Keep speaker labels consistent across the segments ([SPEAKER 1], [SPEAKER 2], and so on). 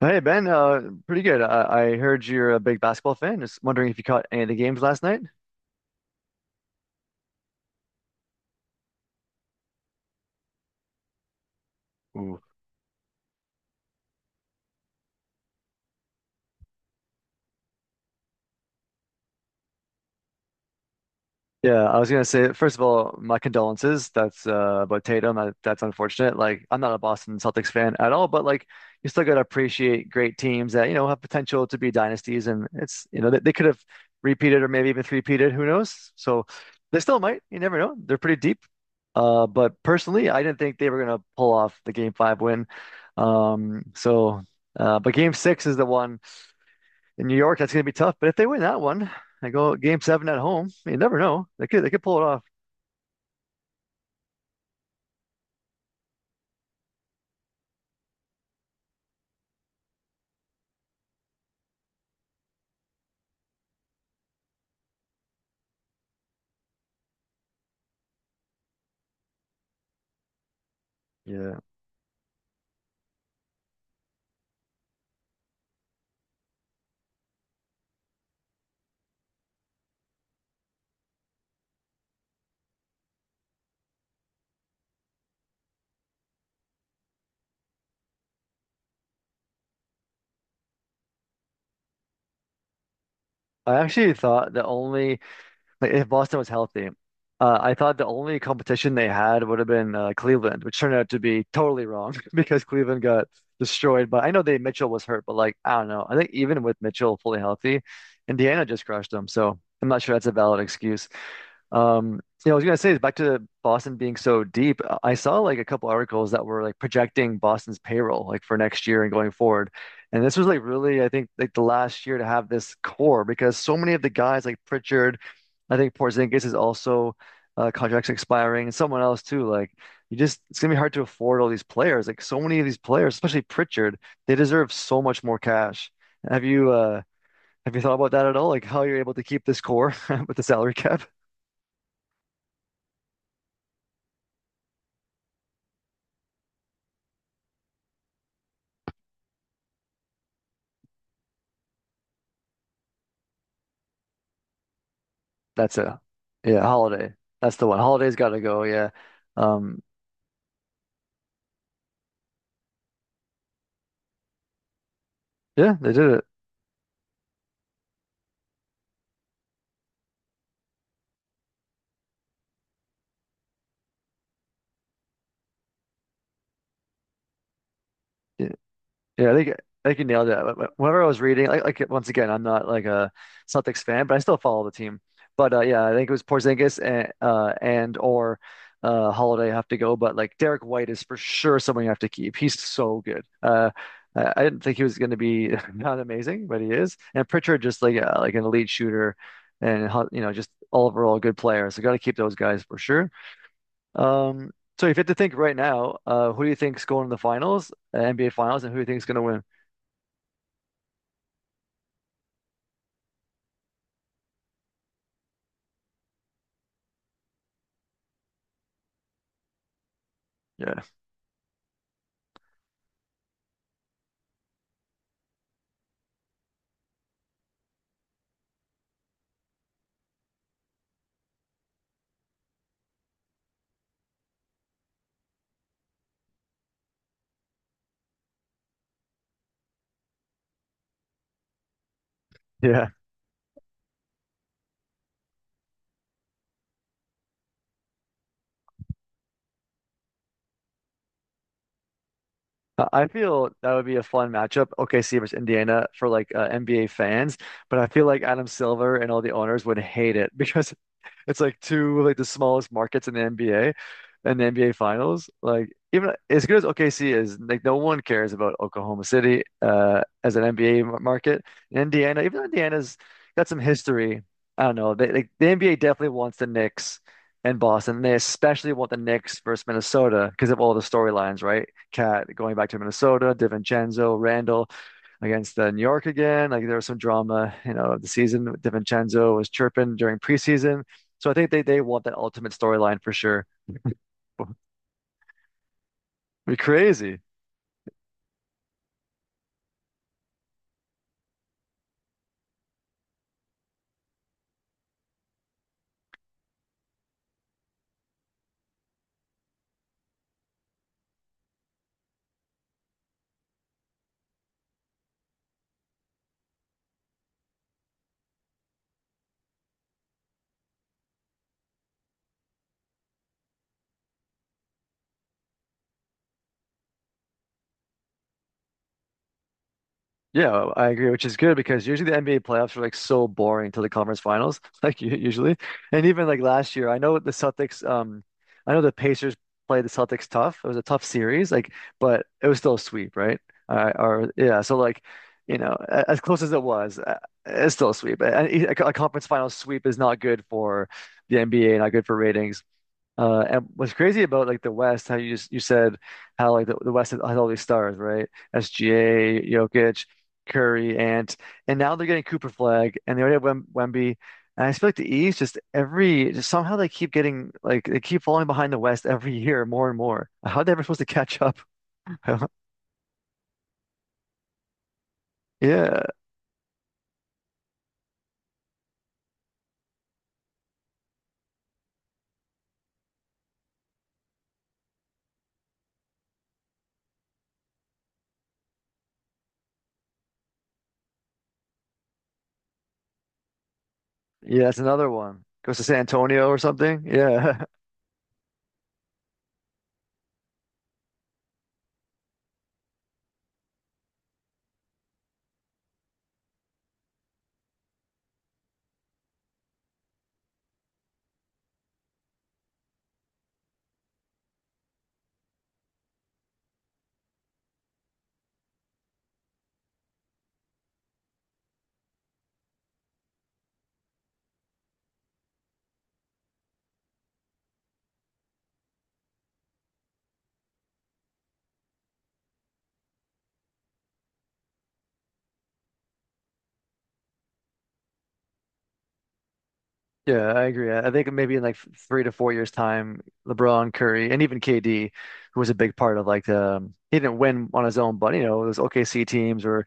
[SPEAKER 1] Hey Ben, pretty good. I heard you're a big basketball fan. Just wondering if you caught any of the games last night. Yeah, I was gonna say, first of all, my condolences. That's about Tatum. That's unfortunate. Like I'm not a Boston Celtics fan at all, but like you still gotta appreciate great teams that, you know, have potential to be dynasties, and it's you know they could have repeated or maybe even three-peated, who knows? So they still might, you never know. They're pretty deep. But personally I didn't think they were gonna pull off the game 5 win. Um so but game 6 is the one in New York, that's going to be tough. But if they win that one, I go game 7 at home. You never know. They could pull it off. Yeah. I actually thought the only, like if Boston was healthy, I thought the only competition they had would have been Cleveland, which turned out to be totally wrong because Cleveland got destroyed. But I know they Mitchell was hurt, but like I don't know. I think even with Mitchell fully healthy, Indiana just crushed them. So I'm not sure that's a valid excuse. Um, I was gonna say, back to Boston being so deep. I saw like a couple articles that were like projecting Boston's payroll like for next year and going forward. And this was like really, I think, like the last year to have this core, because so many of the guys like Pritchard, I think Porzingis is also, contracts expiring, and someone else too. Like you just, it's gonna be hard to afford all these players. Like so many of these players, especially Pritchard, they deserve so much more cash. Have you uh have you thought about that at all? Like how you're able to keep this core with the salary cap? That's a Yeah, Holiday. That's the one. Holiday's got to go. Yeah. Um. Yeah, they did it. Yeah, yeah, I think you nailed it. Whenever I was reading, like, once again, I'm not like a Celtics fan, but I still follow the team. But yeah, I think it was Porzingis and or Holiday have to go. But like Derek White is for sure someone you have to keep. He's so good. I didn't think he was going to be not amazing, but he is. And Pritchard, just like an elite shooter, and just all overall good player. So got to keep those guys for sure. Um, so if you had to think right now, who do you think's going to the finals, NBA finals, and who do you think's going to win? Yeah. Yeah. I feel that would be a fun matchup, OKC versus Indiana for like NBA fans, but I feel like Adam Silver and all the owners would hate it because it's like two, like the smallest markets in the NBA and the NBA Finals. Like even as good as OKC is, like no one cares about Oklahoma City as an NBA market. And Indiana, even though Indiana's got some history, I don't know. They like the NBA definitely wants the Knicks and Boston. They especially want the Knicks versus Minnesota because of all the storylines, right? Cat going back to Minnesota, DiVincenzo, Randall against New York again. Like there was some drama, of the season. DiVincenzo was chirping during preseason. So I think they want that ultimate storyline for sure. It'd be crazy. Yeah, I agree, which is good, because usually the NBA playoffs are like so boring till the conference finals, like usually. And even like last year, I know the Celtics. I know the Pacers played the Celtics tough. It was a tough series, like, but it was still a sweep, right? Or yeah, so like, as close as it was, it's still a sweep. A conference final sweep is not good for the NBA, not good for ratings. And what's crazy about, like, the West, how you just you said how like the West has all these stars, right? SGA, Jokic, Curry, Ant, and now they're getting Cooper Flag, and they already have Wemby. And I just feel like the East just every just somehow they keep falling behind the West every year more and more. How are they ever supposed to catch up? Yeah, yeah, that's another one. Goes to San Antonio or something. Yeah. Yeah, I agree. I think maybe in like 3 to 4 years' time, LeBron, Curry, and even KD, who was a big part of— he didn't win on his own, but you know, those OKC teams were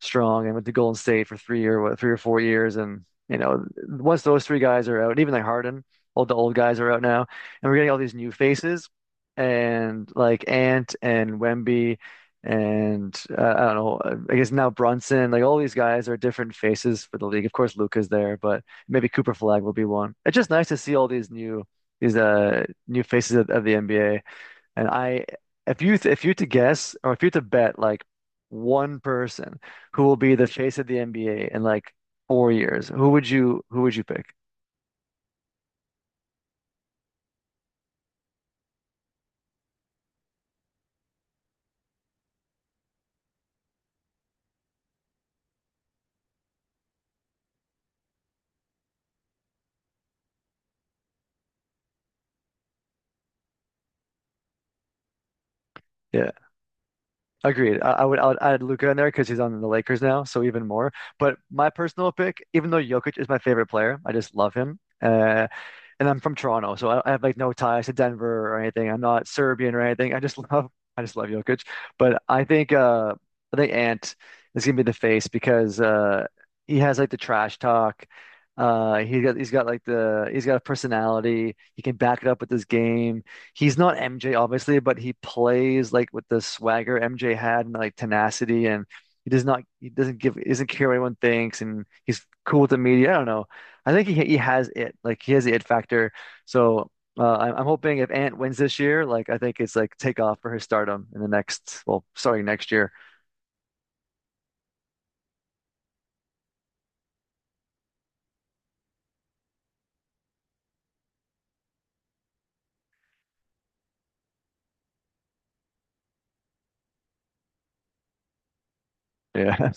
[SPEAKER 1] strong and went to Golden State for 3 or 4 years. And you know, once those three guys are out, and even like Harden, all the old guys are out now, and we're getting all these new faces, and like Ant and Wemby and I don't know, I guess now Brunson, like all these guys are different faces for the league. Of course, Luka's there, but. Maybe Cooper Flag will be one. It's just nice to see all these new, these new faces of the NBA. And if you to guess, or if you to bet, like one person who will be the face of the NBA in like 4 years, who would you pick? Yeah, agreed. I would add Luca in there because he's on the Lakers now, so even more. But my personal pick, even though Jokic is my favorite player, I just love him. And I'm from Toronto, so I have like no ties to Denver or anything. I'm not Serbian or anything. I just love I just love Jokic. But I think Ant is gonna be the face, because he has like the trash talk. He's got a personality. He can back it up with his game. He's not MJ obviously, but he plays like with the swagger MJ had, and like tenacity, and he doesn't give is not care what anyone thinks, and he's cool with the media. I don't know. I think he has it. Like he has the it factor. So I'm hoping if Ant wins this year, like I think it's like take off for his stardom in the next, well, starting next year. Yeah.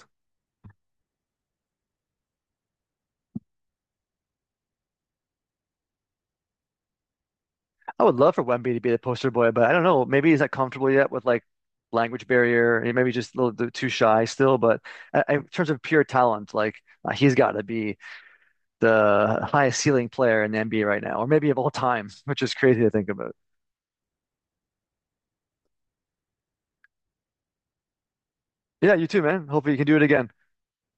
[SPEAKER 1] I would love for Wemby to be the poster boy, but I don't know. Maybe he's not comfortable yet with like language barrier, and maybe just a little bit too shy still. But in terms of pure talent, like he's got to be the highest ceiling player in the NBA right now, or maybe of all time, which is crazy to think about. Yeah, you too, man. Hopefully you can do it again.